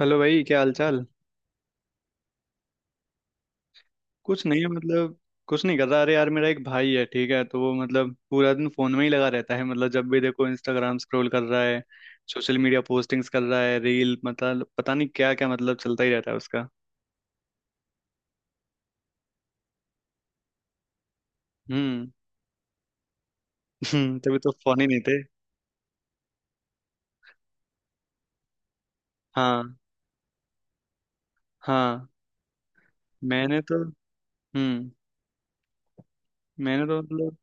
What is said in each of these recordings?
Hello भाई, क्या हाल चाल? कुछ नहीं है मतलब। कुछ नहीं कर रहा। अरे यार, मेरा एक भाई है, ठीक है? तो वो मतलब पूरा दिन फोन में ही लगा रहता है, मतलब जब भी देखो इंस्टाग्राम स्क्रॉल कर रहा है, सोशल मीडिया पोस्टिंग्स कर रहा है, रील, मतलब पता नहीं क्या क्या, मतलब चलता ही रहता है उसका। हम्म। तभी तो फोन ही नहीं थे। हाँ। हाँ। मैंने तो हम्म मैंने तो मतलब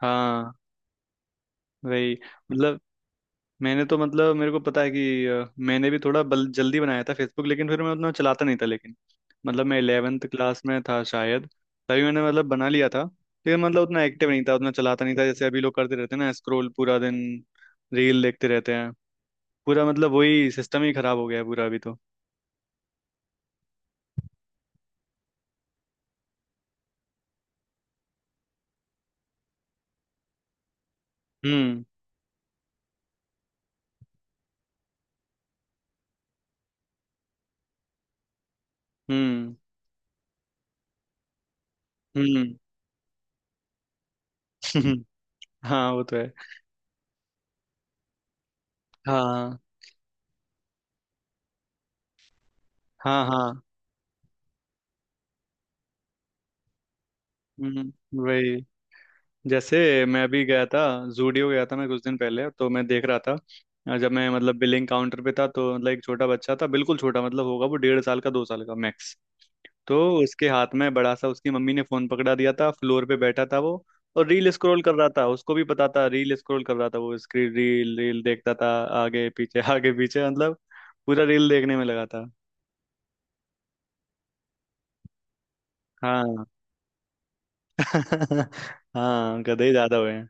हाँ। वही। मतलब मैंने तो मतलब मेरे को पता है कि मैंने भी थोड़ा बल जल्दी बनाया था फेसबुक, लेकिन फिर मैं उतना चलाता नहीं था, लेकिन मतलब मैं 11th क्लास में था शायद। तभी मैंने मतलब बना लिया था, लेकिन मतलब उतना एक्टिव नहीं था, उतना चलाता नहीं था जैसे अभी लोग करते रहते हैं ना, स्क्रॉल पूरा दिन, रील देखते रहते हैं। पूरा मतलब वही सिस्टम ही खराब हो गया है पूरा अभी तो। हम्म। हम्म। हम्म। हाँ, वो तो है। हाँ। हाँ। हाँ। हम्म। वही। जैसे मैं अभी गया था, जूडियो गया था मैं कुछ दिन पहले, तो मैं देख रहा था, जब मैं मतलब बिलिंग काउंटर पे था, तो मतलब एक छोटा बच्चा था, बिल्कुल छोटा, मतलब होगा वो 1.5 साल का, 2 साल का मैक्स। तो उसके हाथ में बड़ा सा, उसकी मम्मी ने फोन पकड़ा दिया था, फ्लोर पे बैठा था वो, और रील स्क्रॉल कर रहा था। उसको भी पता था, रील स्क्रॉल कर रहा था वो, स्क्रीन रील रील देखता था, आगे पीछे आगे पीछे, मतलब पूरा रील देखने में लगा था। हाँ। हाँ, गधे ज्यादा हुए हैं।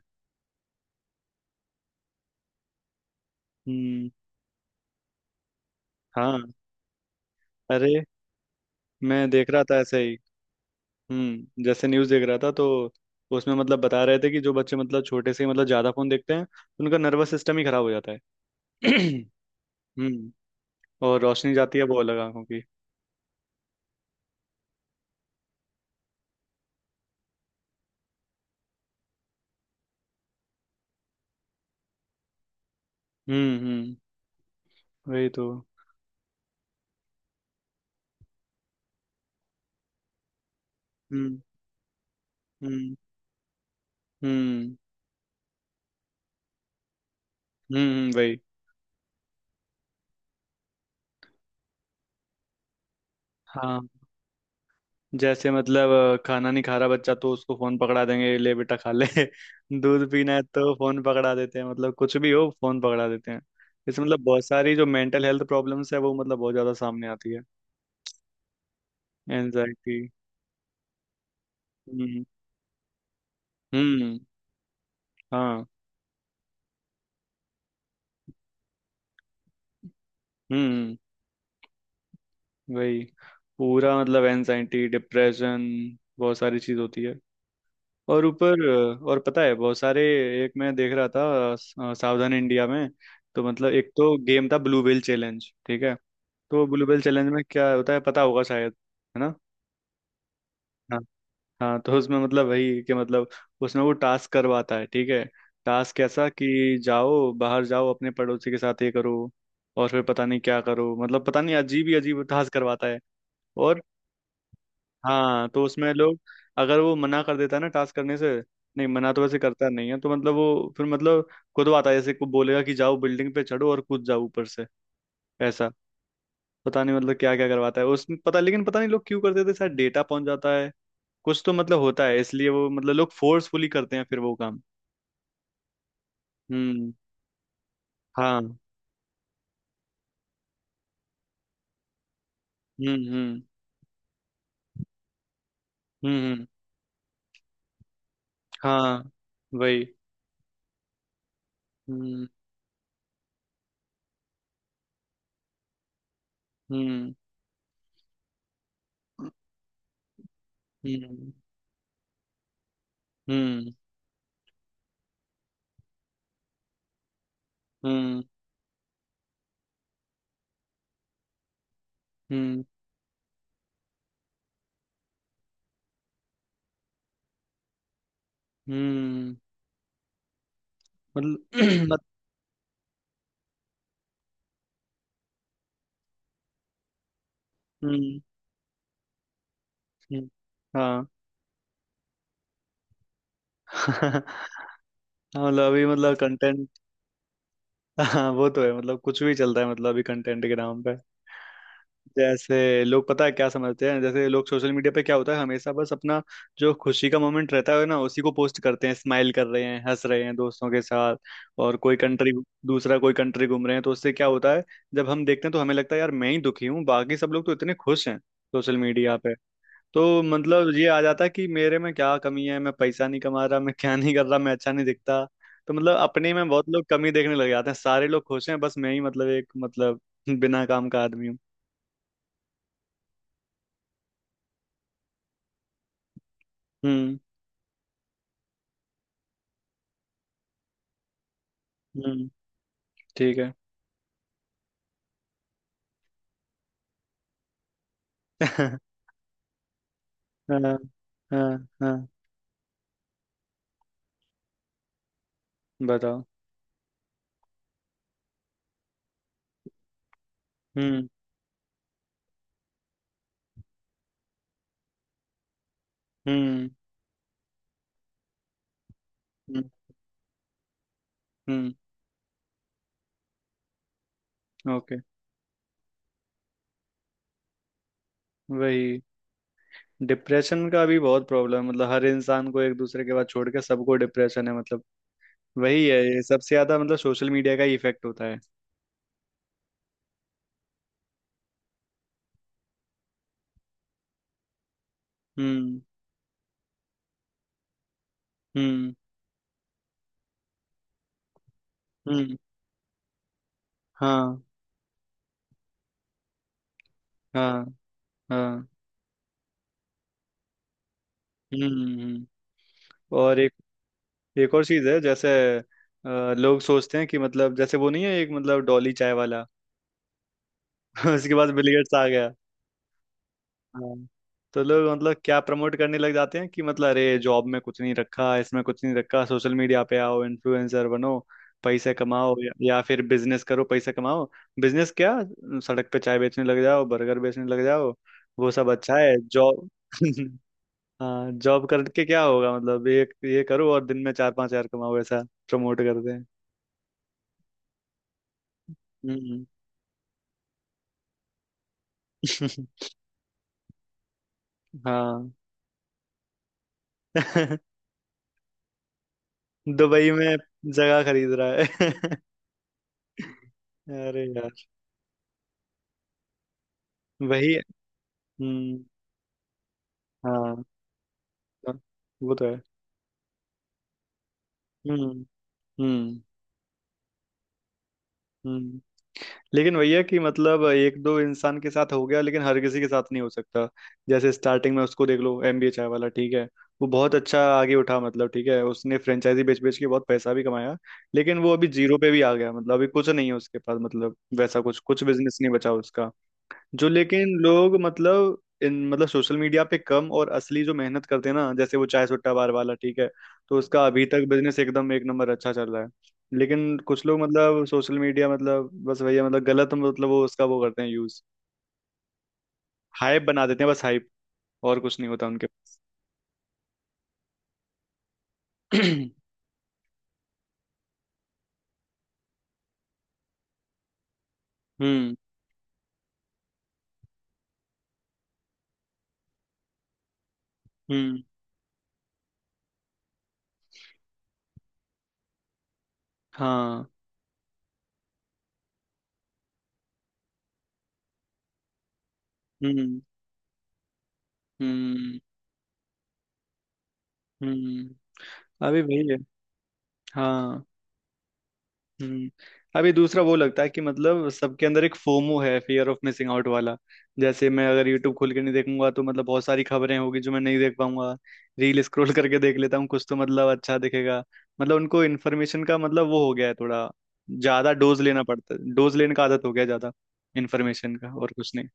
हम्म। हाँ। अरे, मैं देख रहा था ऐसे ही। जैसे न्यूज़ देख रहा था, तो उसमें मतलब बता रहे थे कि जो बच्चे मतलब छोटे से ही मतलब ज़्यादा फ़ोन देखते हैं, उनका नर्वस सिस्टम ही ख़राब हो जाता है। हम्म। और रोशनी जाती है वो अलग, आंखों की। हम्म। हम्म। वही तो। हम्म। हम्म। हम्म। हम्म। वही। हाँ। जैसे मतलब खाना नहीं खा रहा बच्चा तो उसको फ़ोन पकड़ा देंगे, ले बेटा खा ले। दूध पीना है तो फ़ोन पकड़ा देते हैं, मतलब कुछ भी हो फ़ोन पकड़ा देते हैं। इससे मतलब बहुत सारी जो मेंटल हेल्थ प्रॉब्लम्स है, वो मतलब बहुत ज़्यादा सामने आती है। एनजाइटी। हम्म। हाँ। हम्म। वही। पूरा मतलब एनजाइटी, डिप्रेशन, बहुत सारी चीज होती है। और ऊपर, और पता है बहुत सारे, एक मैं देख रहा था सावधान इंडिया में। तो मतलब एक तो गेम था ब्लू व्हेल चैलेंज, ठीक है? तो ब्लू व्हेल चैलेंज में क्या होता है पता होगा शायद, है ना? हाँ। तो उसमें मतलब वही कि मतलब उसमें वो टास्क करवाता है, ठीक है? टास्क कैसा कि जाओ बाहर जाओ, अपने पड़ोसी के साथ ये करो, और फिर पता नहीं क्या करो, मतलब पता नहीं अजीब ही अजीब टास्क करवाता है। और हाँ, तो उसमें लोग, अगर वो मना कर देता है ना टास्क करने से, नहीं मना तो वैसे करता नहीं है, तो मतलब वो फिर मतलब खुदवाता है, जैसे को बोलेगा कि जाओ बिल्डिंग पे चढ़ो और कूद जाओ ऊपर से, ऐसा। पता नहीं मतलब क्या क्या करवाता है उसमें, पता, लेकिन पता नहीं लोग क्यों करते थे, शायद डेटा पहुंच जाता है, कुछ तो मतलब होता है, इसलिए वो मतलब लोग फोर्सफुली करते हैं फिर वो काम। हम्म। हाँ। हम्म। हम्म। हम्म। हाँ। वही। हम्म। हम्म। हम्म। हम्म। हम्म। हम्म। हम्म, मतलब मत- हम्म। हम्म, हाँ। हाँ, मतलब अभी मतलब कंटेंट, हाँ वो तो है, मतलब कुछ भी चलता है मतलब अभी कंटेंट के नाम पे। जैसे लोग पता है क्या समझते हैं, जैसे लोग सोशल मीडिया पे क्या होता है, हमेशा बस अपना जो खुशी का मोमेंट रहता है ना, उसी को पोस्ट करते हैं, स्माइल कर रहे हैं, हंस रहे हैं दोस्तों के साथ, और कोई कंट्री, दूसरा कोई कंट्री घूम रहे हैं। तो उससे क्या होता है, जब हम देखते हैं, तो हमें लगता है यार मैं ही दुखी हूँ, बाकी सब लोग तो इतने खुश हैं सोशल मीडिया। तो मतलब ये आ जाता कि मेरे में क्या कमी है, मैं पैसा नहीं कमा रहा, मैं क्या नहीं कर रहा, मैं अच्छा नहीं दिखता। तो मतलब अपने में बहुत लोग कमी देखने लग जाते हैं, सारे लोग खुश हैं बस मैं ही, मतलब एक मतलब बिना काम का आदमी हूँ। हम्म। हम्म। ठीक है। हाँ। हाँ। हाँ। बताओ। हम्म। हम्म। हम्म। हम्म। ओके। वही। डिप्रेशन का भी बहुत प्रॉब्लम है, मतलब हर इंसान को एक दूसरे के बाद छोड़ के सबको डिप्रेशन है, मतलब वही है, ये सबसे ज्यादा मतलब सोशल मीडिया का ही इफेक्ट होता है। हम्म। हम्म। हम्म। हाँ। हाँ। हाँ। हम्म। और एक, एक और चीज है जैसे लोग सोचते हैं कि मतलब जैसे वो नहीं है एक मतलब डॉली चाय वाला। उसके बाद बिल गेट्स आ गया। हाँ। तो लोग मतलब क्या प्रमोट करने लग जाते हैं कि मतलब अरे जॉब में कुछ नहीं रखा, इसमें कुछ नहीं रखा, सोशल मीडिया पे आओ, इन्फ्लुएंसर बनो, पैसे कमाओ, या फिर बिजनेस करो पैसे कमाओ। बिजनेस क्या, सड़क पे चाय बेचने लग जाओ, बर्गर बेचने लग जाओ, वो सब अच्छा है, जॉब। हाँ, जॉब करके क्या होगा, मतलब एक ये करो और दिन में 4-5 हजार कमाओ, ऐसा प्रमोट करते हैं। हम्म। हाँ। दुबई में जगह खरीद रहा है। अरे यार। वही। हम्म। हाँ। हाँ, वो तो है। हम्म। हम्म। हम्म। लेकिन भैया, कि मतलब एक दो इंसान के साथ हो गया, लेकिन हर किसी के साथ नहीं हो सकता। जैसे स्टार्टिंग में उसको देख लो, एमबीए चाय वाला ठीक है, वो बहुत अच्छा आगे उठा, मतलब ठीक है, उसने फ्रेंचाइजी बेच बेच के बहुत पैसा भी कमाया, लेकिन वो अभी जीरो पे भी आ गया, मतलब अभी कुछ नहीं है उसके पास, मतलब वैसा कुछ कुछ बिजनेस नहीं बचा उसका। जो लेकिन लोग मतलब इन मतलब सोशल मीडिया पे कम, और असली जो मेहनत करते हैं ना, जैसे वो चाय सुट्टा बार वाला ठीक है, तो उसका अभी तक बिजनेस एकदम एक नंबर अच्छा चल रहा है। लेकिन कुछ लोग मतलब सोशल मीडिया मतलब बस वही है मतलब गलत मतलब वो उसका वो करते हैं यूज, हाइप बना देते हैं, बस हाइप, और कुछ नहीं होता उनके पास। हम्म। हम्म। हाँ। हम्म। हम्म। हम्म। अभी वही है। हाँ। हम्म। अभी दूसरा वो लगता है कि मतलब सबके अंदर एक फोमो है, फियर ऑफ मिसिंग आउट वाला। जैसे मैं अगर यूट्यूब खोल के नहीं देखूंगा, तो मतलब बहुत सारी खबरें होगी जो मैं नहीं देख पाऊंगा, रील स्क्रॉल करके देख लेता हूँ, कुछ तो मतलब अच्छा दिखेगा। मतलब उनको इन्फॉर्मेशन का मतलब वो हो गया है थोड़ा, ज्यादा डोज लेना पड़ता है, डोज लेने का आदत हो गया है, ज्यादा इन्फॉर्मेशन का, और कुछ नहीं।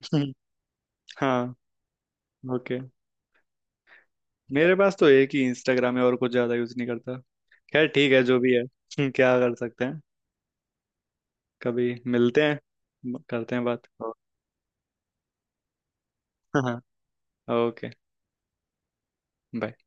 हम्म, हाँ। ओके। मेरे पास तो एक ही इंस्टाग्राम है, और कुछ ज्यादा यूज नहीं करता। खैर ठीक है, जो भी है। क्या कर सकते हैं। कभी मिलते हैं। करते हैं बात। ओके। बाय।